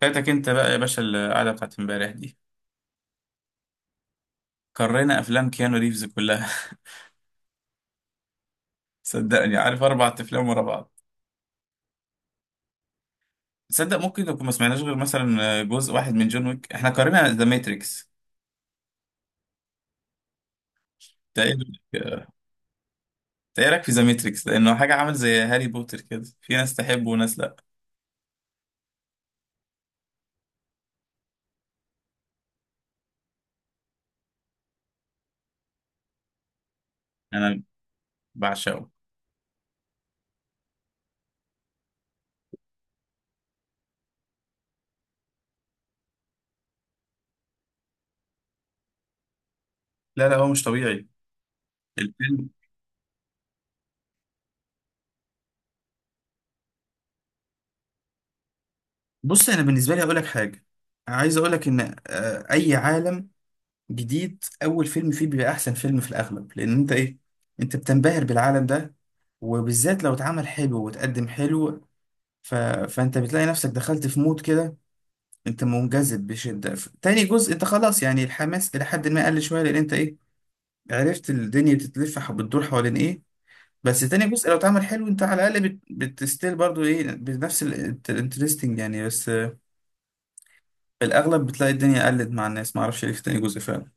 فاتك انت بقى يا باشا القعده بتاعت امبارح دي. قرينا افلام كيانو ريفز كلها. صدقني عارف اربع افلام ورا بعض. تصدق ممكن نكون ما سمعناش غير مثلا جزء واحد من جون ويك، احنا قرينا ذا ماتريكس. ده ايه رأيك- ده إيه رايك في ذا ماتريكس؟ لانه حاجه عامل زي هاري بوتر كده، في ناس تحبه وناس لا. انا بعشقه. لا لا، هو مش طبيعي الفيلم. بص انا بالنسبه لي اقول لك حاجه، عايز اقول لك ان اي عالم جديد اول فيلم فيه بيبقى احسن فيلم في الاغلب، لان انت ايه، انت بتنبهر بالعالم ده، وبالذات لو اتعمل حلو وتقدم حلو. ف... فانت بتلاقي نفسك دخلت في مود كده، انت منجذب بشدة. تاني جزء انت خلاص، يعني الحماس الى حد ما قل شوية، لان انت ايه، عرفت الدنيا بتتلف بتدور حوالين ايه. بس تاني جزء لو اتعمل حلو انت على الاقل بتستيل برضو ايه بنفس الانترستنج يعني. بس في الاغلب بتلاقي الدنيا قلت مع الناس، معرفش ليه في تاني جزء فعلا.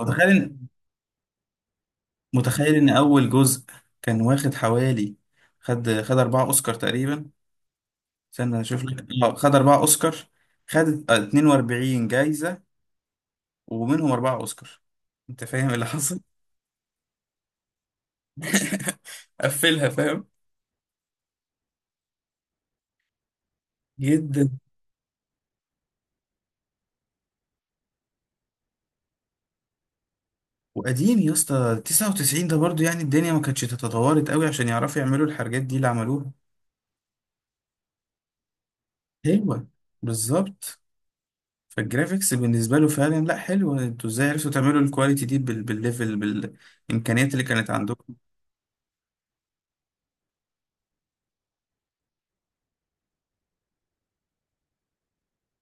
وتخيل إن- متخيل ان اول جزء كان واخد حوالي، خد اربعة اوسكار تقريبا. استنى اشوف لك. اه خد اربعة اوسكار. خد 42 جايزة، ومنهم اربعة اوسكار. انت فاهم اللي حصل؟ قفلها فاهم. جدا. وقديم يا اسطى 99 ده برضو، يعني الدنيا ما كانتش تتطورت قوي عشان يعرفوا يعملوا الحاجات دي اللي عملوها. ايوه بالظبط. فالجرافيكس بالنسبه له فعلا لا حلو، انتوا ازاي عرفتوا تعملوا الكواليتي دي بالليفل بالامكانيات اللي كانت عندكم.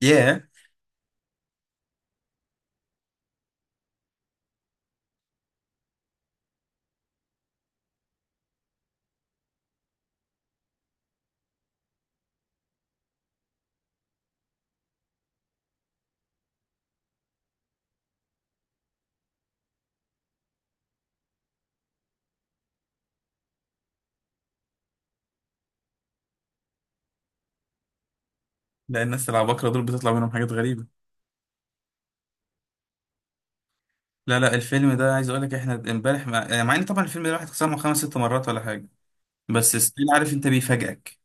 ياه. لا، الناس العباقرة دول بتطلع منهم حاجات غريبة. لا لا، الفيلم ده، عايز اقول لك احنا امبارح يعني مع ان طبعا الفيلم ده الواحد سمعه خمس ست مرات ولا حاجة، بس ستيل عارف انت بيفاجئك.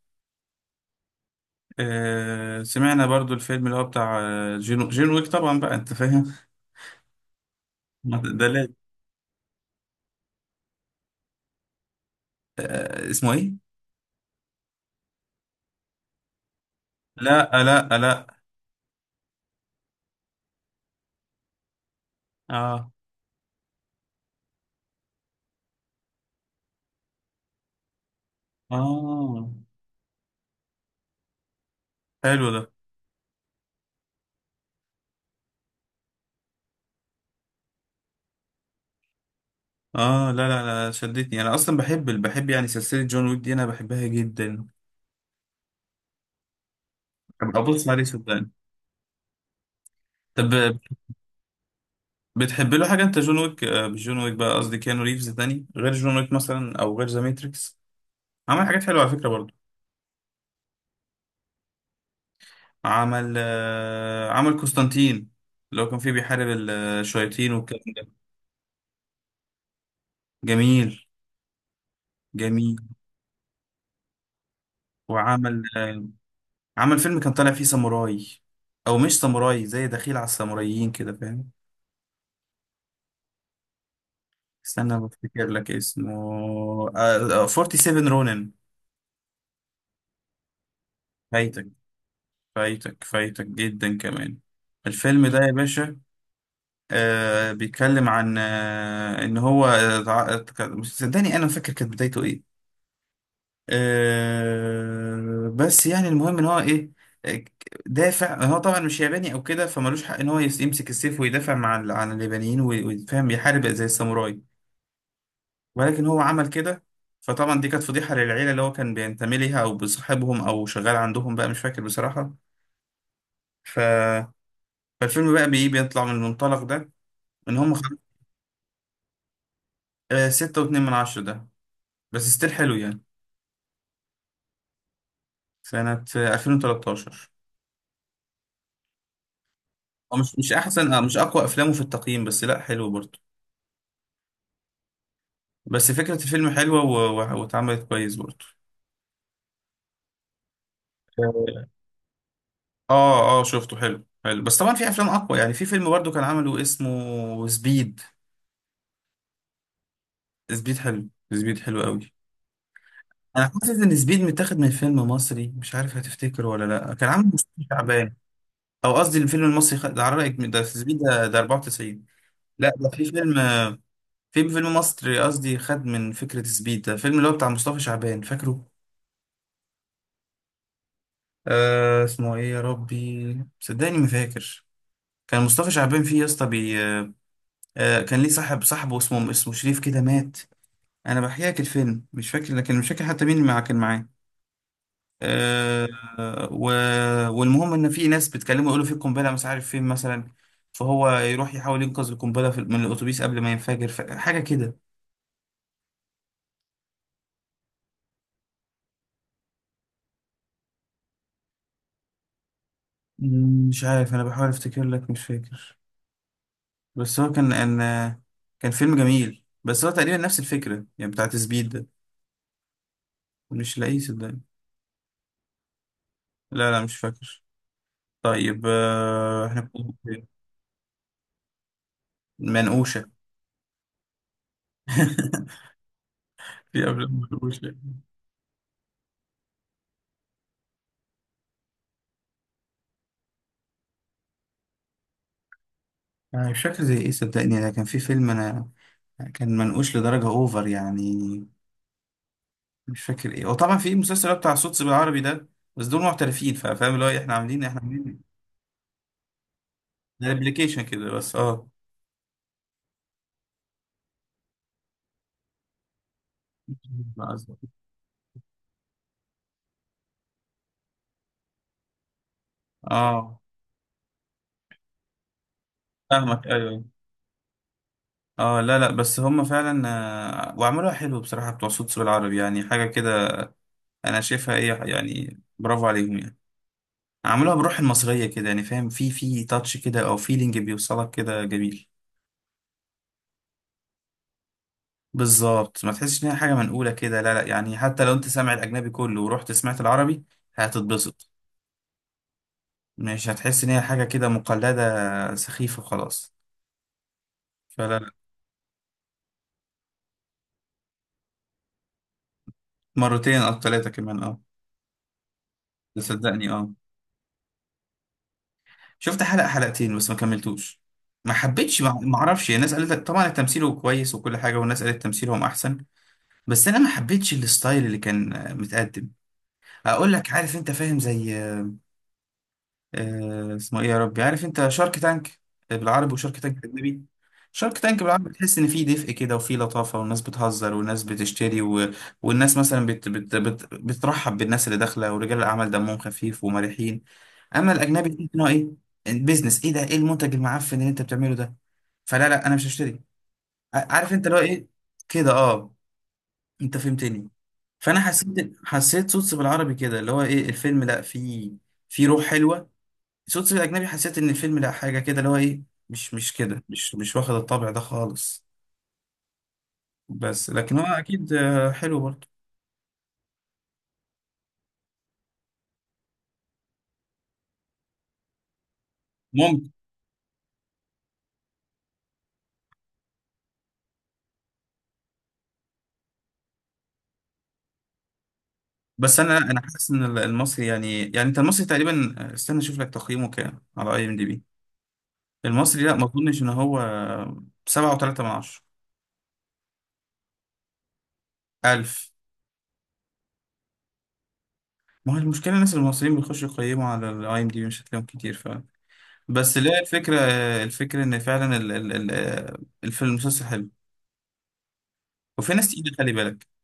سمعنا برضو الفيلم اللي هو بتاع جون ويك، طبعا بقى انت فاهم. ما ت- ده لا. اسمه ايه؟ لا لا لا. اه اه، حلو ده. اه، لا لا لا، شدتني، انا اصلا بحب يعني سلسلة جون ويك دي، انا بحبها جدا. ابقى ابص عليه صدقني. طب بتحب له حاجة انت جون ويك، مش جون ويك بقى قصدي، كيانو ريفز تاني غير جون ويك مثلا او غير ذا ماتريكس؟ عمل حاجات حلوة على فكرة برضو. عمل عمل قسطنطين، اللي هو كان فيه بيحارب الشياطين والكلام ده. جميل جميل. وعمل عمل فيلم كان طالع فيه ساموراي، او مش ساموراي، زي دخيل على الساموراييين كده فاهم. استنى بفتكر لك اسمه. 47 رونن. فايتك فايتك فايتك جدا كمان الفيلم ده يا باشا. آه بيتكلم عن آه ان هو مش، صدقني انا فاكر كانت بدايته ايه. آه بس يعني المهم ان هو ايه، آه، دافع. هو طبعا مش ياباني او كده فمالوش حق ان هو يمسك السيف ويدافع مع عن اليابانيين ويفهم يحارب زي الساموراي. ولكن هو عمل كده. فطبعا دي كانت فضيحة للعيلة اللي هو كان بينتمي ليها او بصاحبهم او شغال عندهم بقى، مش فاكر بصراحة. ف... فالفيلم بقى بيطلع من المنطلق ده، ان هم خلاص. ستة واتنين من عشرة ده، بس ستيل حلو يعني. سنة 2013. هو مش مش أحسن، مش أقوى أفلامه في التقييم، بس لأ حلو برضه. بس فكرة الفيلم حلوة واتعملت كويس برضه. آه، آه شفته، حلو حلو. بس طبعا في أفلام أقوى، يعني في فيلم برضه كان عمله اسمه سبيد. سبيد حلو، سبيد حلو قوي. أنا حاسس إن سبيد متاخد من فيلم مصري، مش عارف هتفتكره ولا لأ، كان عامل مصطفى شعبان. أو قصدي الفيلم المصري، ده على رأيك، ده سبيد ده، ده 94. لأ ده في فيلم في فيلم مصري قصدي خد من فكرة سبيد ده، فيلم اللي هو بتاع مصطفى شعبان فاكره. آه اسمه ايه يا ربي، صدقني ما فاكر. كان مصطفى شعبان فيه يا اسطى بي. آه كان ليه صاحب، صاحبه اسمه اسمه شريف كده، مات. انا بحكي لك الفيلم مش فاكر، لكن مش فاكر حتى مين اللي كان معاه. آه و... والمهم ان في ناس بتكلمه يقولوا في قنبله مش عارف فين مثلا، فهو يروح يحاول ينقذ القنبله من الاتوبيس قبل ما ينفجر. حاجه كده. مش عارف، انا بحاول افتكر لك مش فاكر. بس هو كان ان كان فيلم جميل، بس هو تقريبا نفس الفكرة يعني بتاعت سبيد ده. مش لاقيه صدقني. لا لا مش فاكر. طيب، احنا كنا في منقوشة. في أفلام منقوشة. أنا مش فاكر زي إيه صدقني. أنا كان في فيلم، أنا كان منقوش لدرجة أوفر يعني. مش فاكر إيه. وطبعا في المسلسل بتاع صوت بالعربي ده، بس دول محترفين، فاهم اللي هو إيه، إحنا عاملين ده أبلكيشن كده بس أه. آه فاهمك أيوه. اه لا لا بس هم فعلا، وعملوها حلو بصراحة، بتوع صوت سوق العربي، يعني حاجة كده. أنا شايفها إيه يعني، برافو عليهم يعني. عملوها بروح المصرية كده يعني، فاهم، في في تاتش كده أو فيلينج بيوصلك كده جميل. بالظبط ما تحسش إن هي حاجة منقولة كده، لا لا يعني، حتى لو أنت سامع الأجنبي كله ورحت سمعت العربي هتتبسط. مش هتحس إن هي حاجة كده مقلدة سخيفة وخلاص. فلا لا. مرتين أو ثلاثة كمان اه. ده صدقني اه. شفت حلقة حلقتين بس ما كملتوش. ما حبيتش، ما اعرفش، الناس قالت لك طبعا التمثيل هو كويس وكل حاجة، والناس قالت تمثيلهم احسن. بس انا ما حبيتش الستايل اللي كان متقدم. اقول لك، عارف انت فاهم زي اسمه ايه يا ربي، عارف انت شارك تانك بالعربي وشارك تانك بالاجنبي. شارك تانك بالعربي بتحس ان فيه دفء كده وفيه لطافه، والناس بتهزر والناس بتشتري والناس مثلا بترحب بالناس اللي داخله، ورجال الاعمال دمهم خفيف ومرحين. اما الاجنبي تحس ان هو ايه، بيزنس، ايه ده، ايه المنتج المعفن اللي انت بتعمله ده، فلا لا انا مش هشتري. عارف انت اللي هو ايه، كده اه. انت فهمتني. فانا حسيت صوت بالعربي كده اللي هو ايه، الفيلم لا فيه، في روح حلوه. شفت في الأجنبي حسيت إن الفيلم لا، حاجة كده اللي هو إيه، مش كده، مش واخد الطابع ده خالص. بس لكن هو أكيد حلو برضه. ممكن. بس أنا حاسس إن المصري، يعني يعني أنت المصري تقريبا، استنى أشوف لك تقييمه كام على IMDB. المصري لا ما أظنش إن هو. سبعة وتلاتة من عشرة. ألف. ما هو المشكلة الناس المصريين بيخشوا يقيموا على الـIMDB، مش هتلاقيهم كتير فعلا. بس لا الفكرة، الفكرة إن فعلا الفيلم المسلسل حلو، وفي ناس تقيلة خلي بالك.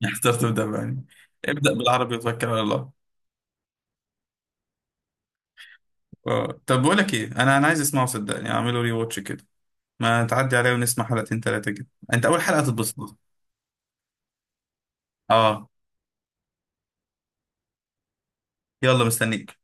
اختار تبدأ بأني. ابدأ بالعربي وتوكل على الله. آه. طب بقول لك ايه، انا عايز اسمعه صدقني، اعمله ري واتش كده. ما تعدي عليا ونسمع حلقتين ثلاثة كده، انت اول حلقة تتبسط. اه. يلا مستنيك.